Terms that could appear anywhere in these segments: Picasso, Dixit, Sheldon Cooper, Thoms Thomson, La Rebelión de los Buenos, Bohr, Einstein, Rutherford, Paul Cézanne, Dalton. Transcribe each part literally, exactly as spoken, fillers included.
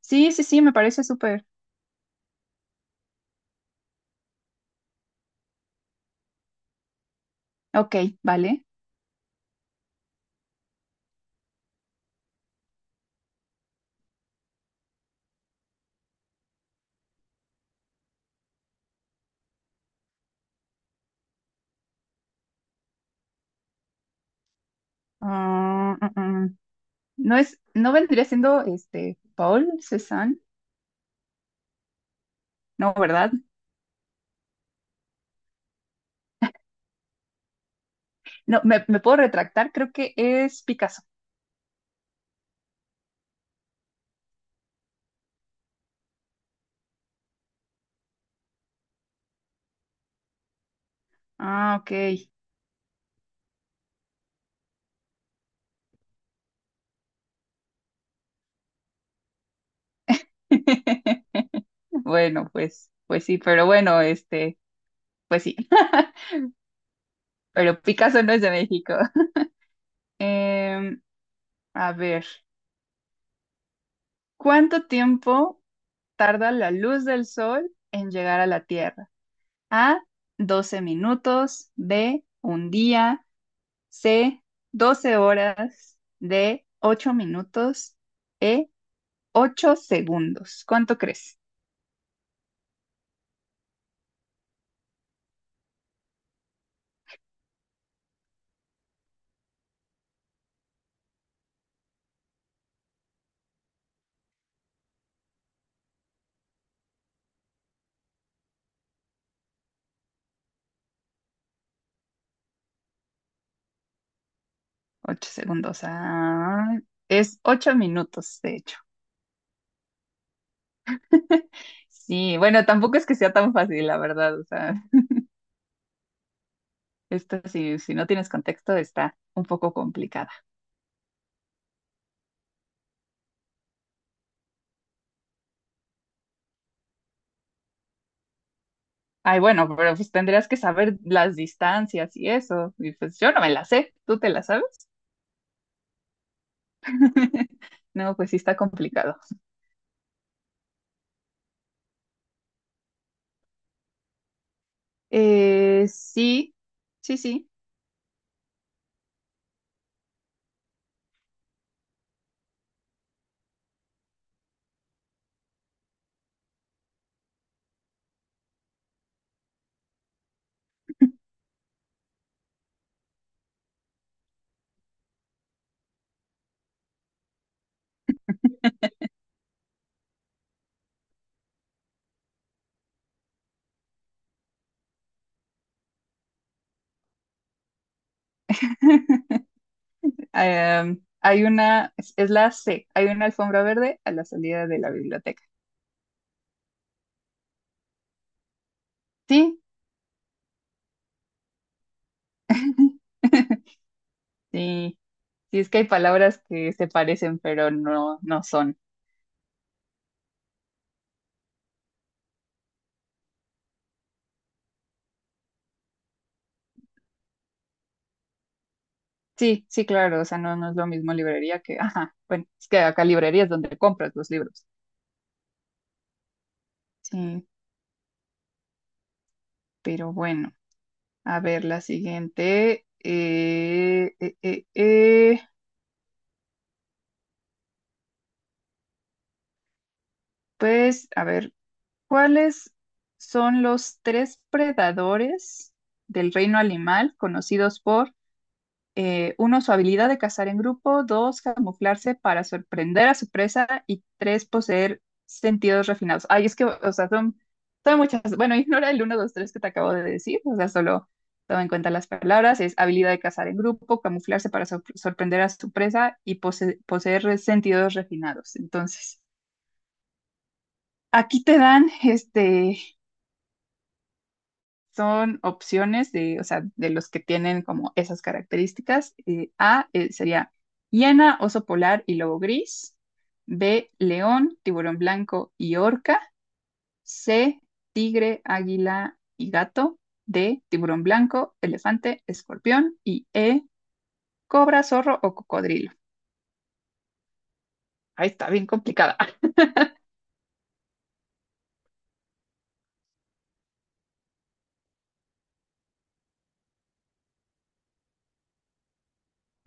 Sí, sí, sí, me parece súper. Ok, vale. Ah, mm, mm. No es, no vendría siendo este Paul Cézanne, no, ¿verdad? No, me, me puedo retractar, creo que es Picasso. Ah, ok. Bueno, pues, pues sí, pero bueno, este, pues sí. Pero Picasso no es de México. Em, a ver, ¿cuánto tiempo tarda la luz del sol en llegar a la Tierra? A, doce minutos, B, un día. C, doce horas. D, ocho minutos. E, ocho segundos. ¿Cuánto crees? Ocho segundos. Ah, es ocho minutos, de hecho. Sí, bueno, tampoco es que sea tan fácil, la verdad. O sea, esto si, si no tienes contexto está un poco complicada. Ay, bueno, pero pues tendrías que saber las distancias y eso. Y pues yo no me las sé, ¿tú te las sabes? No, pues sí está complicado. Eh, sí, sí, sí. Em, hay una, es, es la C, hay una alfombra verde a la salida de la biblioteca. Sí, sí, sí, es que hay palabras que se parecen, pero no, no son. Sí, sí, claro, o sea, no, no es lo mismo librería que, ajá, bueno, es que acá librería es donde compras los libros. Sí, pero bueno, a ver, la siguiente, eh, eh, eh, eh, pues, a ver. ¿Cuáles son los tres predadores del reino animal conocidos por, eh, uno, su habilidad de cazar en grupo, dos, camuflarse para sorprender a su presa y tres, poseer sentidos refinados? Ay, es que, o sea, son, son muchas. Bueno, ignora el uno, dos, tres que te acabo de decir, o sea, solo toma en cuenta las palabras. Es habilidad de cazar en grupo, camuflarse para sor- sorprender a su presa y pose- poseer sentidos refinados. Entonces, aquí te dan este. Son opciones de, o sea, de los que tienen como esas características. Eh, A eh, sería hiena, oso polar y lobo gris. B, león, tiburón blanco y orca. C, tigre, águila y gato. D, tiburón blanco, elefante, escorpión. Y E, cobra, zorro o cocodrilo. Ahí está, bien complicada.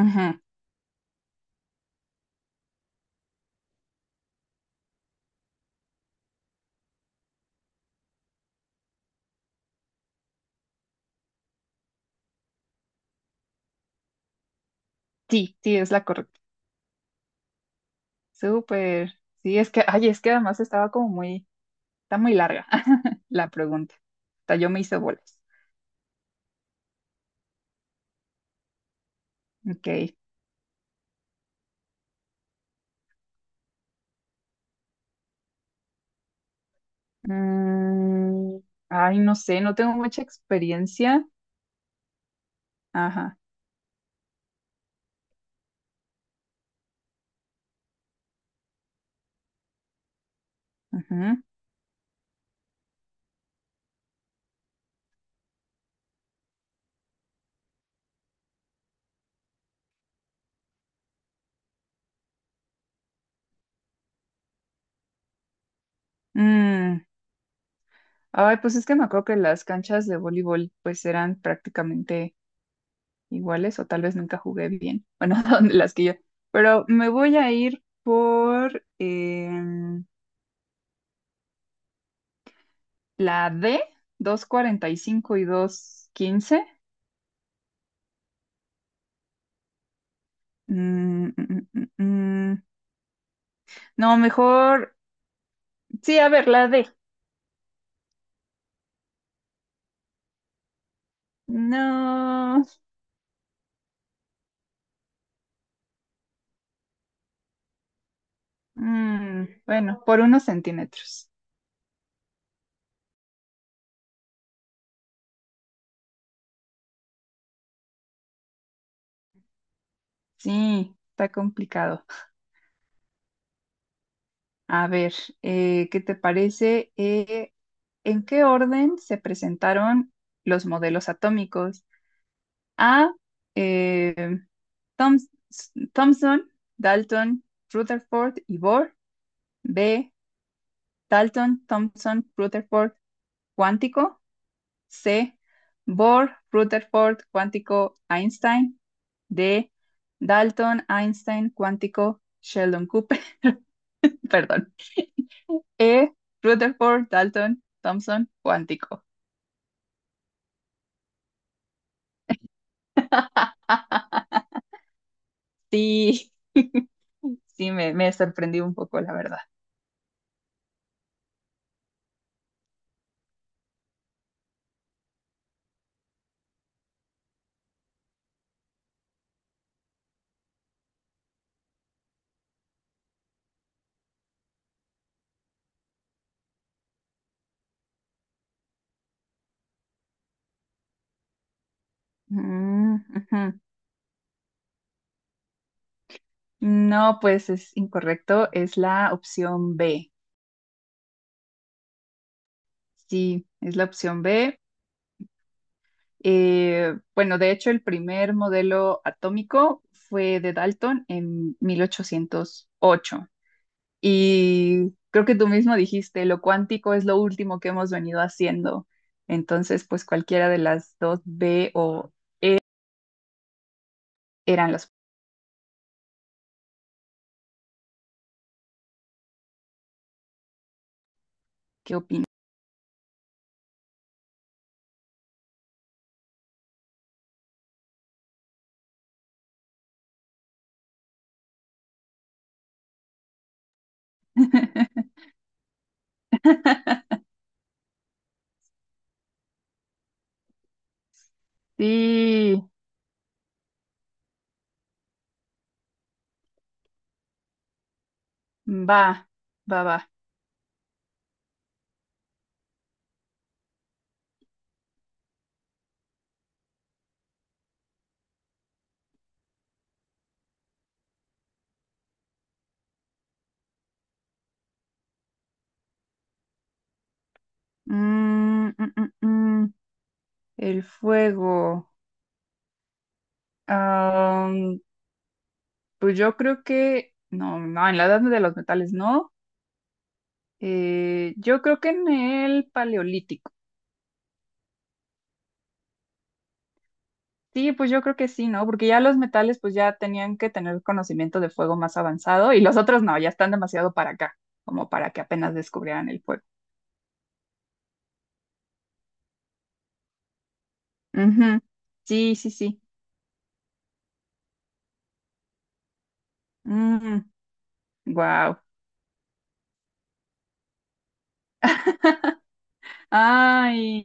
Ujú. Sí, sí, es la correcta. Súper. Sí, es que, ay, es que además estaba como muy, está muy larga la pregunta. Hasta yo me hice bolas. Ok. Mm, Ay, no sé, no tengo mucha experiencia. Ajá. Ujú. Mm, Ay, pues es que me acuerdo que las canchas de voleibol pues eran prácticamente iguales o tal vez nunca jugué bien. Bueno, donde las que yo. Pero me voy a ir por em, la D, doscientos cuarenta y dos quince. Mm, mm, mm, mm, mm. No, mejor. Sí, a ver, la D. No. Mm, bueno, por unos centímetros. Sí, está complicado. A ver, eh, ¿qué te parece? Eh, ¿en qué orden se presentaron los modelos atómicos? A, eh, Thoms- Thomson, Dalton, Rutherford y Bohr. B, Dalton, Thomson, Rutherford, cuántico. C. Bohr, Rutherford, cuántico, Einstein. D. Dalton, Einstein, cuántico, Sheldon Cooper. Perdón. E. Rutherford, Dalton, Thomson, cuántico. Sí, sí, me, me sorprendí un poco, la verdad. Mm, ujú. No, pues es incorrecto. Es la opción B. Sí, es la opción B. Eh, bueno, de hecho, el primer modelo atómico fue de Dalton en mil ochocientos ocho. Y creo que tú mismo dijiste, lo cuántico es lo último que hemos venido haciendo. Entonces, pues cualquiera de las dos B o eran las que opinan. Sí, va, va, va. Mm, mm, mm, mm. El fuego. Am, pues yo creo que, no, no, en la edad de los metales no. Eh, yo creo que en el paleolítico. Sí, pues yo creo que sí, ¿no? Porque ya los metales pues ya tenían que tener conocimiento de fuego más avanzado y los otros no, ya están demasiado para acá, como para que apenas descubrieran el fuego. Ujú. Sí, sí, sí. Wow. Ay,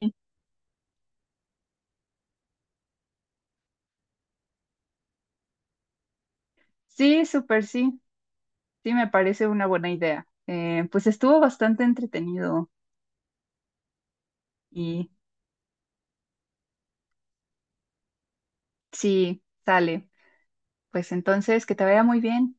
sí, súper sí. Sí, me parece una buena idea. Eh, pues estuvo bastante entretenido y sí, sale. Pues entonces, que te vaya muy bien.